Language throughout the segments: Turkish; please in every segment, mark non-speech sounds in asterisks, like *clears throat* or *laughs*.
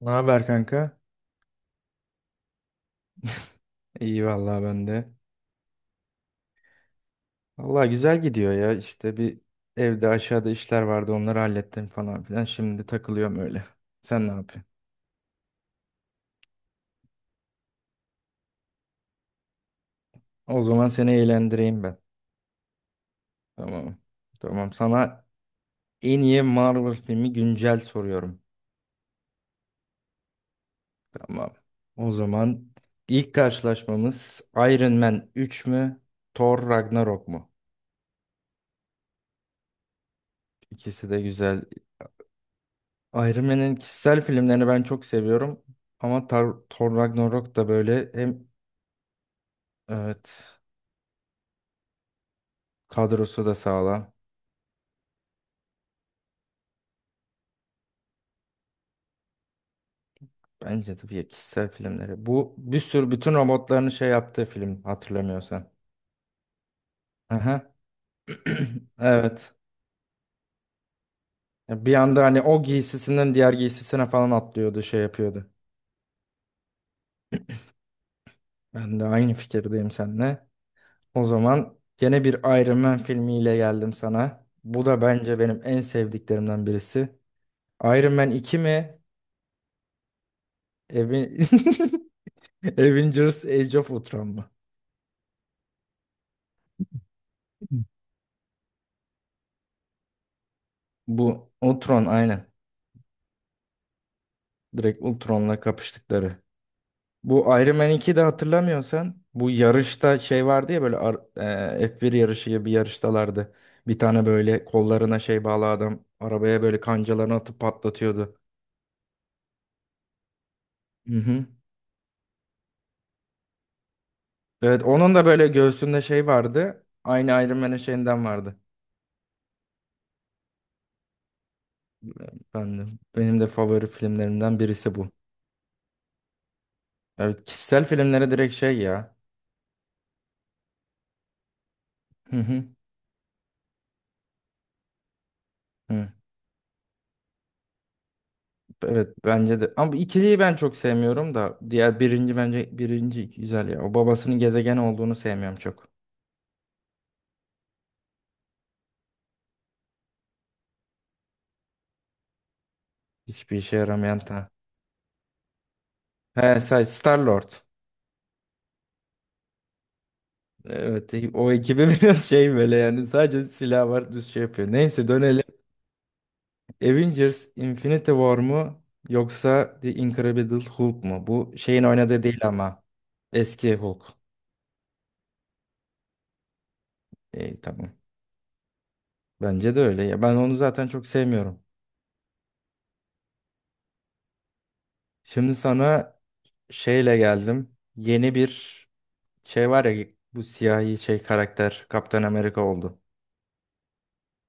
Ne haber kanka? İyi vallahi ben de. Vallahi güzel gidiyor ya. İşte bir evde aşağıda işler vardı onları hallettim falan filan. Şimdi takılıyorum öyle. Sen ne yapıyorsun? O zaman seni eğlendireyim ben. Tamam. Tamam. Sana en iyi Marvel filmi güncel soruyorum. Tamam. O zaman ilk karşılaşmamız Iron Man 3 mü? Thor Ragnarok mu? İkisi de güzel. Iron Man'in kişisel filmlerini ben çok seviyorum. Ama Thor Ragnarok da böyle hem. Evet. Kadrosu da sağlam. Bence de bir kişisel filmleri. Bu bir sürü bütün robotların şey yaptığı film hatırlamıyorsan. Aha. *clears throat* Evet. Ya bir anda hani o giysisinden diğer giysisine falan atlıyordu, şey yapıyordu. Ben de aynı fikirdeyim seninle. O zaman gene bir Iron Man filmiyle geldim sana. Bu da bence benim en sevdiklerimden birisi. Iron Man 2 mi? Aven- *laughs* Avengers Age of Ultron mu? Bu Ultron aynen. Direkt Ultron'la kapıştıkları. Bu Iron Man 2'de hatırlamıyorsan bu yarışta şey vardı ya böyle F1 yarışı gibi bir yarıştalardı. Bir tane böyle kollarına şey bağlı adam arabaya böyle kancalarını atıp patlatıyordu. Hı hı. Evet onun da böyle göğsünde şey vardı. Aynı Iron Man'in şeyinden vardı. Ben de, benim de favori filmlerimden birisi bu. Evet kişisel filmlere direkt şey ya. Hı hı. Hı. Evet bence de. Ama bu ikiliyi ben çok sevmiyorum da. Diğer birinci bence birinci güzel ya. O babasının gezegen olduğunu sevmiyorum çok. Hiçbir işe yaramayan. He say Star-Lord. Evet o ekibi *laughs* biraz şey böyle, yani sadece silah var düz şey yapıyor. Neyse dönelim. Avengers Infinity War mu yoksa The Incredible Hulk mu? Bu şeyin oynadığı değil ama eski Hulk. İyi, tamam. Bence de öyle ya. Ben onu zaten çok sevmiyorum. Şimdi sana şeyle geldim. Yeni bir şey var ya, bu siyahi şey karakter Kaptan Amerika oldu.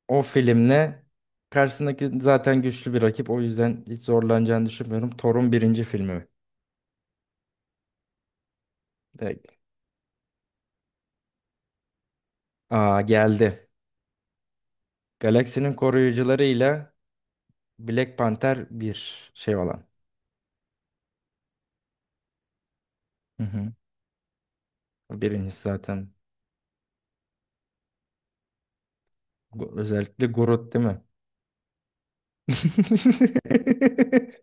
O filmle karşısındaki zaten güçlü bir rakip. O yüzden hiç zorlanacağını düşünmüyorum. Thor'un birinci filmi. De- Aa, geldi. Galaksinin koruyucuları ile Black Panther bir şey olan. Hı hı. Birincisi zaten. Özellikle Groot değil mi? *laughs*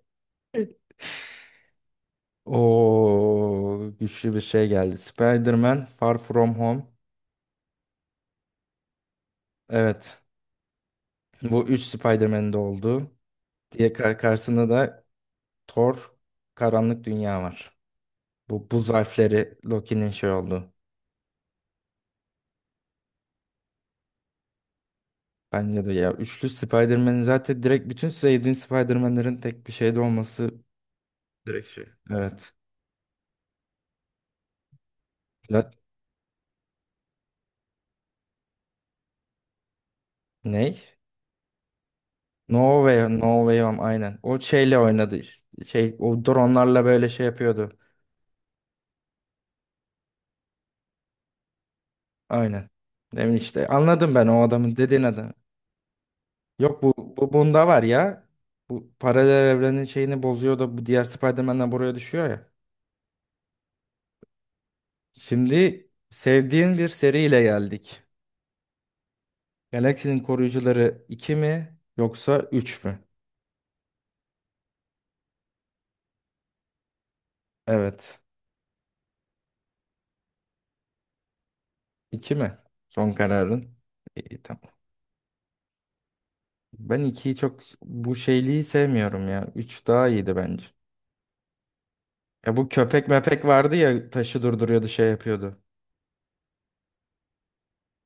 O güçlü bir şey geldi. Spider-Man Far From Home. Evet. Bu 3 Spider-Man'de oldu. Diye karşısında da Thor Karanlık Dünya var. Bu buz harfleri Loki'nin şey oldu. Bence de ya, üçlü Spider-Man'in zaten direkt bütün sevdiğin Spider-Man'lerin tek bir şeyde olması direkt şey. Evet. La- ne? No Way, No Way Home aynen. O şeyle oynadı işte. Şey, o dronlarla böyle şey yapıyordu. Aynen. Demin işte anladım ben o adamın, dediğin adam. Yok bu, bu bunda var ya. Bu paralel evrenin şeyini bozuyor da bu diğer Spider-Man'den buraya düşüyor ya. Şimdi sevdiğin bir seriyle geldik. Galaksinin Koruyucuları 2 mi yoksa 3 mü? Evet. 2 mi? Son kararın. İyi, tamam. Ben ikiyi çok bu şeyliği sevmiyorum ya. 3 daha iyiydi bence. Ya bu köpek mepek vardı ya, taşı durduruyordu, şey yapıyordu.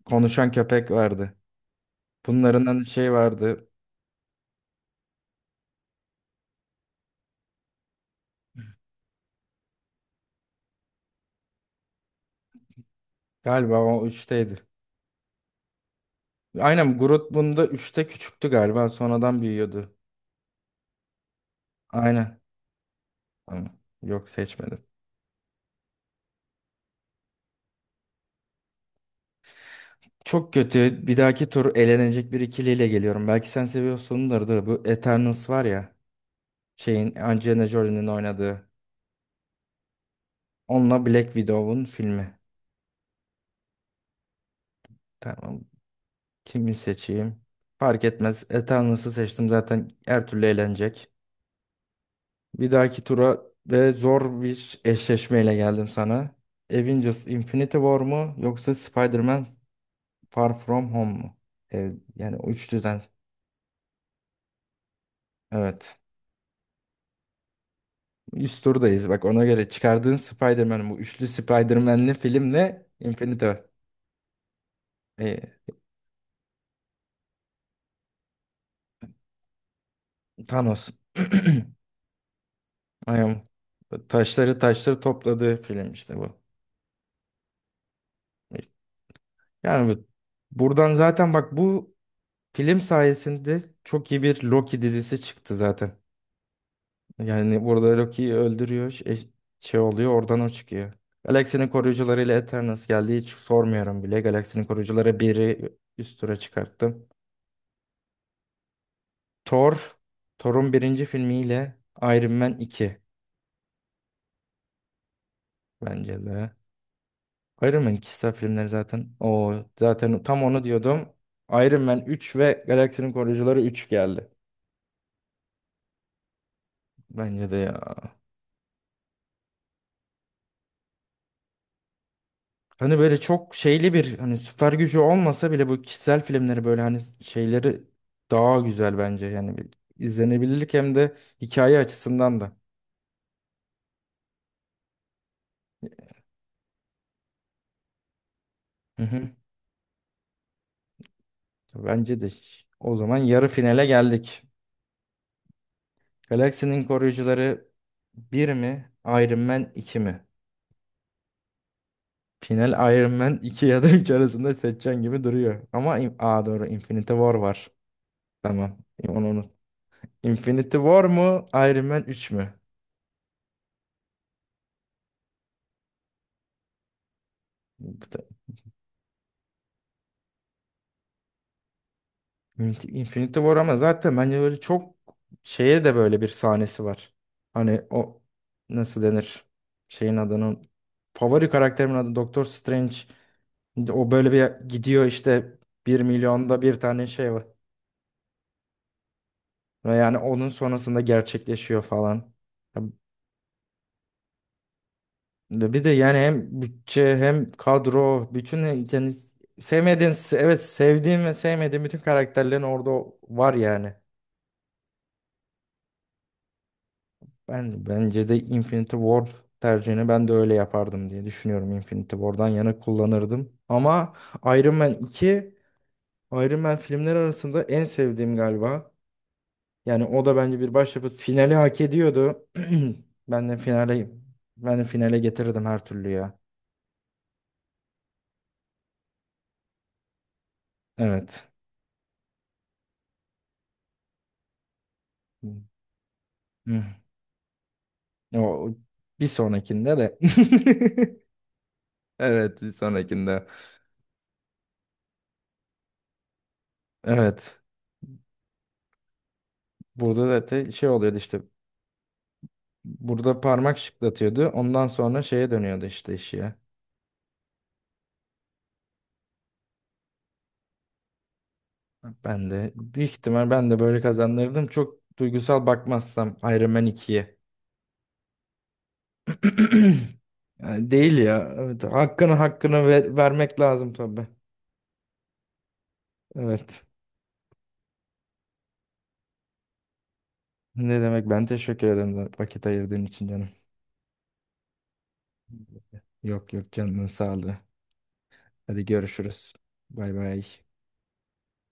Konuşan köpek vardı. Bunların hani şey vardı. Galiba o üçteydi. Aynen, Groot bunda 3'te küçüktü galiba, sonradan büyüyordu. Aynen. Tamam. Yok, seçmedim. Çok kötü. Bir dahaki tur elenecek bir ikiliyle geliyorum. Belki sen seviyorsundur da, bu Eternals var ya. Şeyin, Angelina Jolie'nin oynadığı. Onunla Black Widow'un filmi. Tamam. Kimi seçeyim? Fark etmez. Eternals'ı seçtim, zaten her türlü eğlenecek. Bir dahaki tura ve zor bir eşleşmeyle geldim sana. Avengers Infinity War mu yoksa Spider-Man Far From Home mu? Yani o üçlüden. Evet. Üst turdayız bak, ona göre çıkardığın Spider-Man bu üçlü Spider-Man'li filmle Infinity War. Ee, Thanos. *clears throat* I taşları topladığı film işte bu. Yani buradan zaten bak, bu film sayesinde çok iyi bir Loki dizisi çıktı zaten. Yani burada Loki'yi öldürüyor. Şey, şey oluyor oradan o çıkıyor. Galaksinin koruyucularıyla Eternals geldi. Hiç sormuyorum bile. Galaksinin koruyucuları biri üst tura çıkarttım. Thor. Thor'un birinci filmiyle Iron Man 2, bence de. Iron Man kişisel filmleri zaten. O zaten, tam onu diyordum. Iron Man 3 ve Galaksinin Koruyucuları 3 geldi. Bence de ya. Hani böyle çok şeyli bir, hani süper gücü olmasa bile, bu kişisel filmleri böyle hani şeyleri daha güzel bence. Yani bir izlenebilirlik hem de hikaye açısından da. Hı hı. Bence de o zaman yarı finale geldik. Galaksinin Koruyucuları bir mi? Iron Man 2 mi? Final Iron Man 2 ya da 3 arasında seçeceğin gibi duruyor. Ama Aa, doğru, Infinity War var. Tamam. Onu unut. Infinity War mu? Iron Man 3 mü? Infinity War ama zaten bence böyle çok şeye de böyle bir sahnesi var. Hani o, nasıl denir? Şeyin adının, favori karakterimin adı Doktor Strange. O böyle bir gidiyor işte, bir milyonda bir tane şey var. Ve yani onun sonrasında gerçekleşiyor falan. Ya bir de yani hem bütçe hem kadro bütün, yani sevmediğin, evet, sevdiğim ve sevmediğim bütün karakterlerin orada var yani. Ben, bence de Infinity Ward tercihini ben de öyle yapardım diye düşünüyorum. Infinity War'dan yana kullanırdım. Ama Iron Man 2, Iron Man filmleri arasında en sevdiğim galiba. Yani o da bence bir başyapıt. Finali hak ediyordu. *clears throat* Ben de finale ben de finale getirirdim her türlü ya. Evet. Hı. O bir sonrakinde de. *laughs* Evet, bir sonrakinde. Evet. Burada da şey oluyordu işte, burada parmak şıklatıyordu. Ondan sonra şeye dönüyordu işte, iş ya. Ben de büyük ihtimal ben de böyle kazanırdım. Çok duygusal bakmazsam Iron Man 2'ye. *clears throat* Yani değil ya. Evet, hakkını vermek lazım tabii. Evet. Ne demek, ben teşekkür ederim da vakit ayırdığın için canım. Yok yok, canının sağlığı. Hadi görüşürüz. Bay bay.